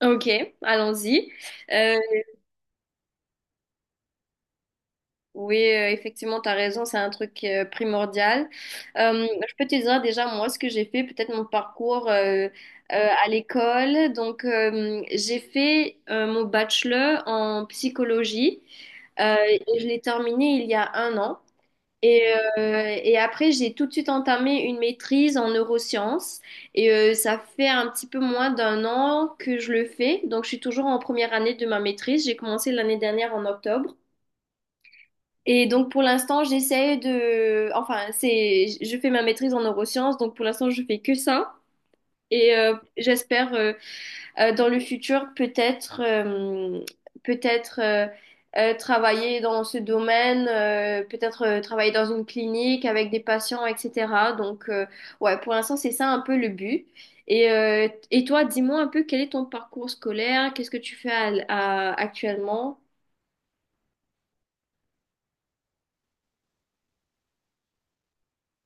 Ok, allons-y. Euh, oui, effectivement, tu as raison, c'est un truc primordial. Je peux te dire déjà, moi, ce que j'ai fait, peut-être mon parcours à l'école. Donc, j'ai fait mon bachelor en psychologie, et je l'ai terminé il y a un an. Et, et après, j'ai tout de suite entamé une maîtrise en neurosciences. Et ça fait un petit peu moins d'un an que je le fais. Donc, je suis toujours en première année de ma maîtrise. J'ai commencé l'année dernière en octobre. Et donc, pour l'instant, je fais ma maîtrise en neurosciences. Donc, pour l'instant, je fais que ça. Et j'espère dans le futur, peut-être peut-être travailler dans ce domaine, peut-être travailler dans une clinique avec des patients, etc. Donc, ouais, pour l'instant, c'est ça un peu le but. Et toi, dis-moi un peu quel est ton parcours scolaire, qu'est-ce que tu fais actuellement?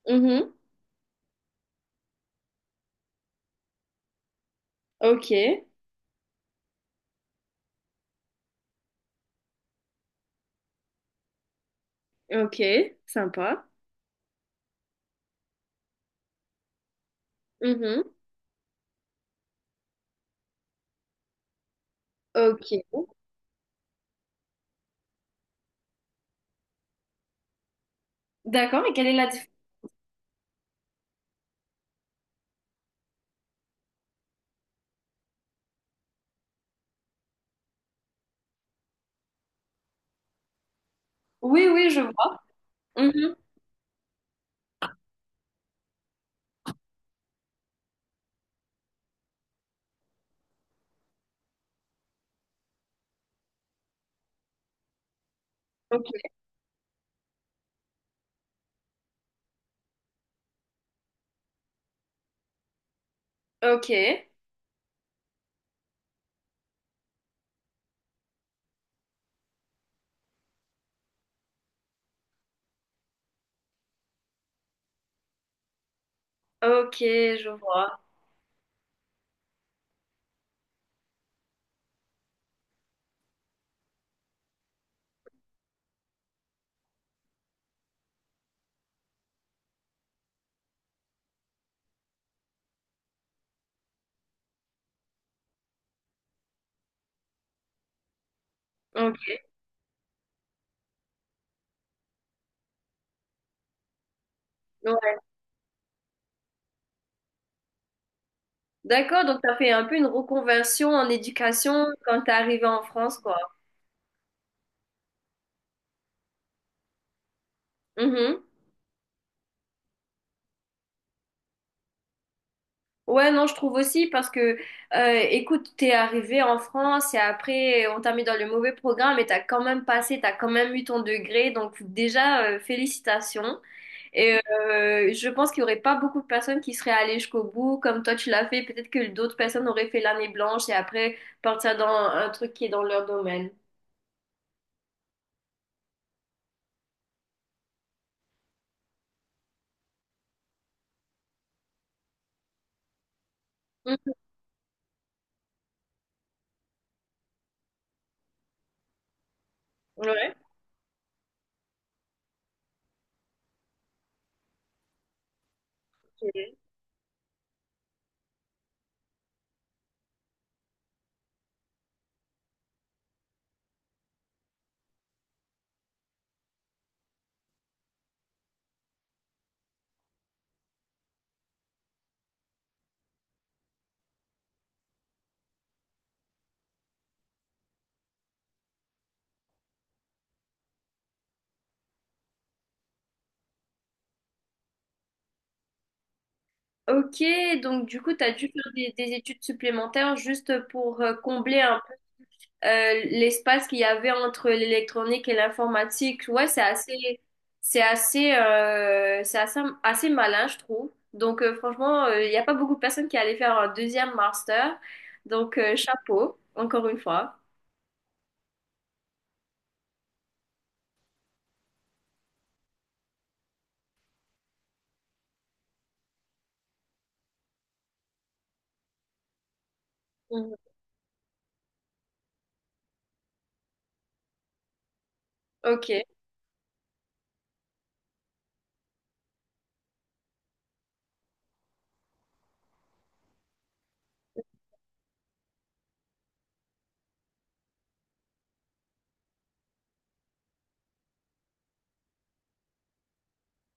Mhm. Ok, ok, sympa. Mhm. Ok. D'accord, et quelle est la différence? Oui, oui, je vois. Mhm. Ok, ok, ok, je vois. Ok. D'accord, donc t'as fait un peu une reconversion en éducation quand t'es arrivé en France, quoi. Mhm. Ouais, non, je trouve aussi parce que, écoute, t'es arrivé en France et après, on t'a mis dans le mauvais programme et t'as quand même passé, t'as quand même eu ton degré. Donc déjà, félicitations. Et je pense qu'il y aurait pas beaucoup de personnes qui seraient allées jusqu'au bout comme toi tu l'as fait. Peut-être que d'autres personnes auraient fait l'année blanche et après partir dans un truc qui est dans leur domaine. Mhm. Ouais. Ok, donc du coup, tu as dû faire des études supplémentaires juste pour combler un peu l'espace qu'il y avait entre l'électronique et l'informatique. Ouais, c'est assez, assez malin, je trouve. Donc franchement, il n'y a pas beaucoup de personnes qui allaient faire un 2e master. Donc chapeau, encore une fois. Mhm. Ok,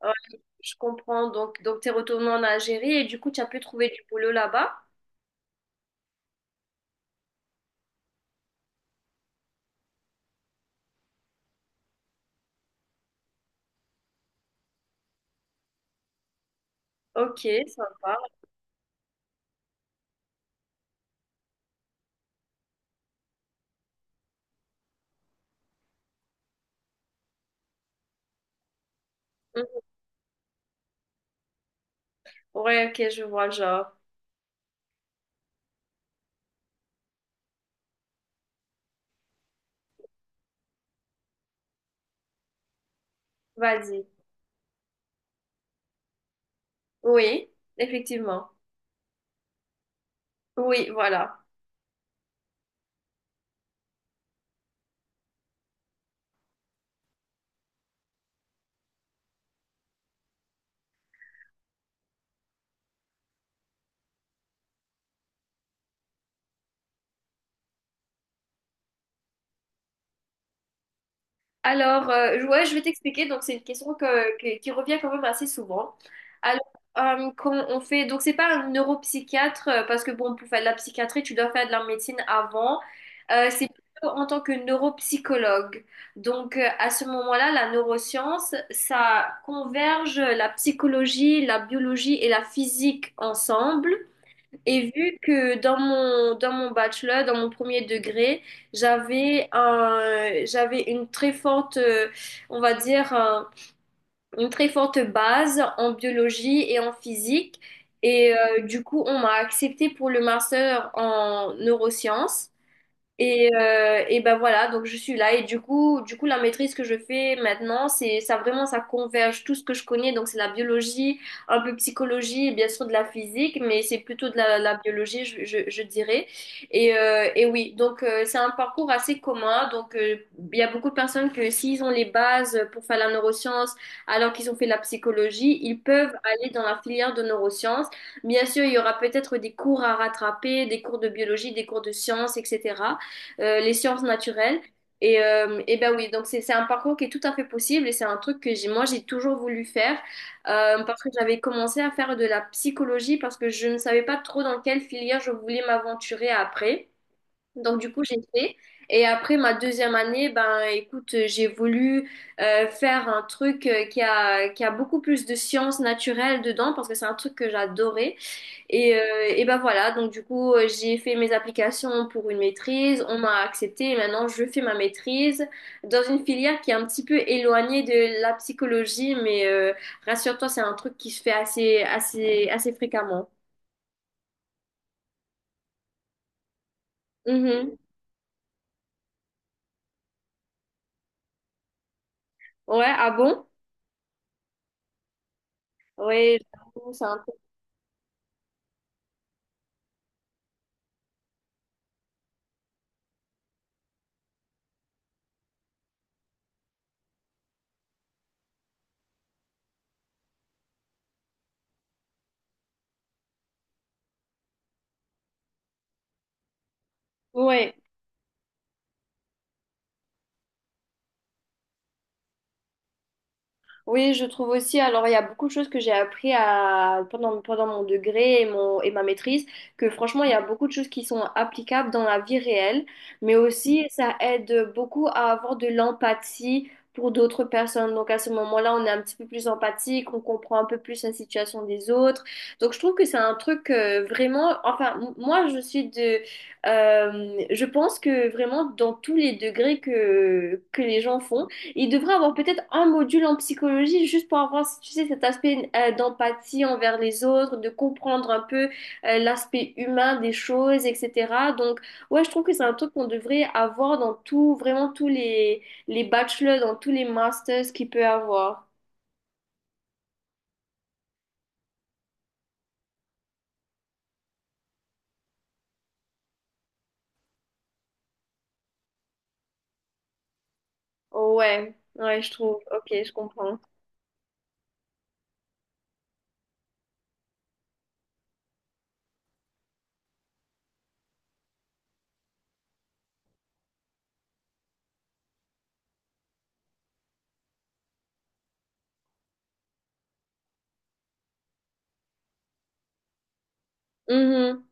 ouais, je comprends. Donc tu es retourné en Algérie et du coup, tu as pu trouver du boulot là-bas. Ok, sympa. Mhm. Ouais, ok, je vois le genre. Vas-y. Oui, effectivement. Oui, voilà. Alors, ouais, je vais t'expliquer. Donc, c'est une question qui revient quand même assez souvent. Alors, Donc, c'est pas un neuropsychiatre, parce que bon, pour faire de la psychiatrie, tu dois faire de la médecine avant. C'est plutôt en tant que neuropsychologue. Donc, à ce moment-là, la neuroscience, ça converge la psychologie, la biologie et la physique ensemble. Et vu que dans mon bachelor, dans mon premier degré, j'avais une très forte, on va dire, une très forte base en biologie et en physique. Et du coup, on m'a acceptée pour le master en neurosciences. Et ben voilà, donc je suis là. Et du coup, la maîtrise que je fais maintenant, c'est ça vraiment, ça converge tout ce que je connais. Donc c'est la biologie, un peu psychologie et bien sûr de la physique, mais c'est plutôt de la biologie, je dirais. Et oui, donc c'est un parcours assez commun. Donc il y a beaucoup de personnes que s'ils ont les bases pour faire la neuroscience, alors qu'ils ont fait la psychologie, ils peuvent aller dans la filière de neurosciences. Bien sûr, il y aura peut-être des cours à rattraper, des cours de biologie, des cours de sciences, etc., les sciences naturelles. Et ben oui, donc c'est un parcours qui est tout à fait possible et c'est un truc que j'ai, moi j'ai toujours voulu faire parce que j'avais commencé à faire de la psychologie parce que je ne savais pas trop dans quelle filière je voulais m'aventurer après. Donc du coup j'ai fait. Et après ma 2e année, ben écoute, j'ai voulu faire un truc qui a beaucoup plus de sciences naturelles dedans parce que c'est un truc que j'adorais. Et ben voilà, donc du coup, j'ai fait mes applications pour une maîtrise, on m'a accepté et maintenant je fais ma maîtrise dans une filière qui est un petit peu éloignée de la psychologie, mais rassure-toi, c'est un truc qui se fait assez, assez, assez fréquemment. Mhm. Ouais, ah bon? Ouais, j'avoue, c'est un truc. Ouais. Oui, je trouve aussi. Alors, il y a beaucoup de choses que j'ai appris pendant mon degré et ma maîtrise, que franchement, il y a beaucoup de choses qui sont applicables dans la vie réelle, mais aussi ça aide beaucoup à avoir de l'empathie pour d'autres personnes. Donc, à ce moment-là, on est un petit peu plus empathique, on comprend un peu plus la situation des autres. Donc, je trouve que c'est un truc vraiment. Enfin, moi, je suis de. Je pense que vraiment, dans tous les degrés que les gens font, il devrait avoir peut-être un module en psychologie juste pour avoir, si tu sais, cet aspect d'empathie envers les autres, de comprendre un peu l'aspect humain des choses, etc. Donc, ouais, je trouve que c'est un truc qu'on devrait avoir dans tout, vraiment tous les bachelors, dans tous les masters qu'il peut avoir. Ouais, ouais, je trouve. Ok, je comprends. Mhm.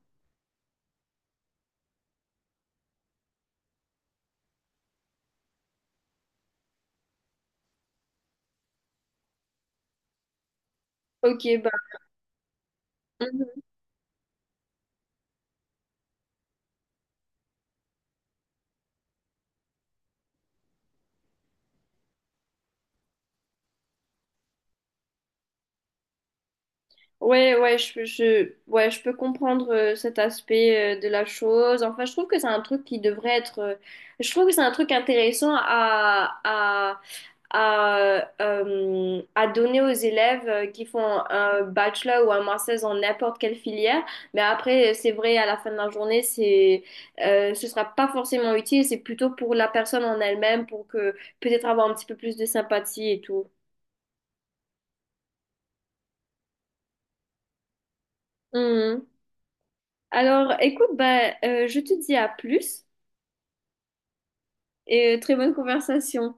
Ok, bah. Ouais, ouais, ouais, je peux comprendre cet aspect de la chose. Enfin, je trouve que c'est un truc qui devrait être. Je trouve que c'est un truc intéressant à donner aux élèves qui font un bachelor ou un master en n'importe quelle filière. Mais après, c'est vrai, à la fin de la journée, ce sera pas forcément utile. C'est plutôt pour la personne en elle-même, pour que peut-être avoir un petit peu plus de sympathie et tout. Alors, écoute, bah, je te dis à plus et très bonne conversation.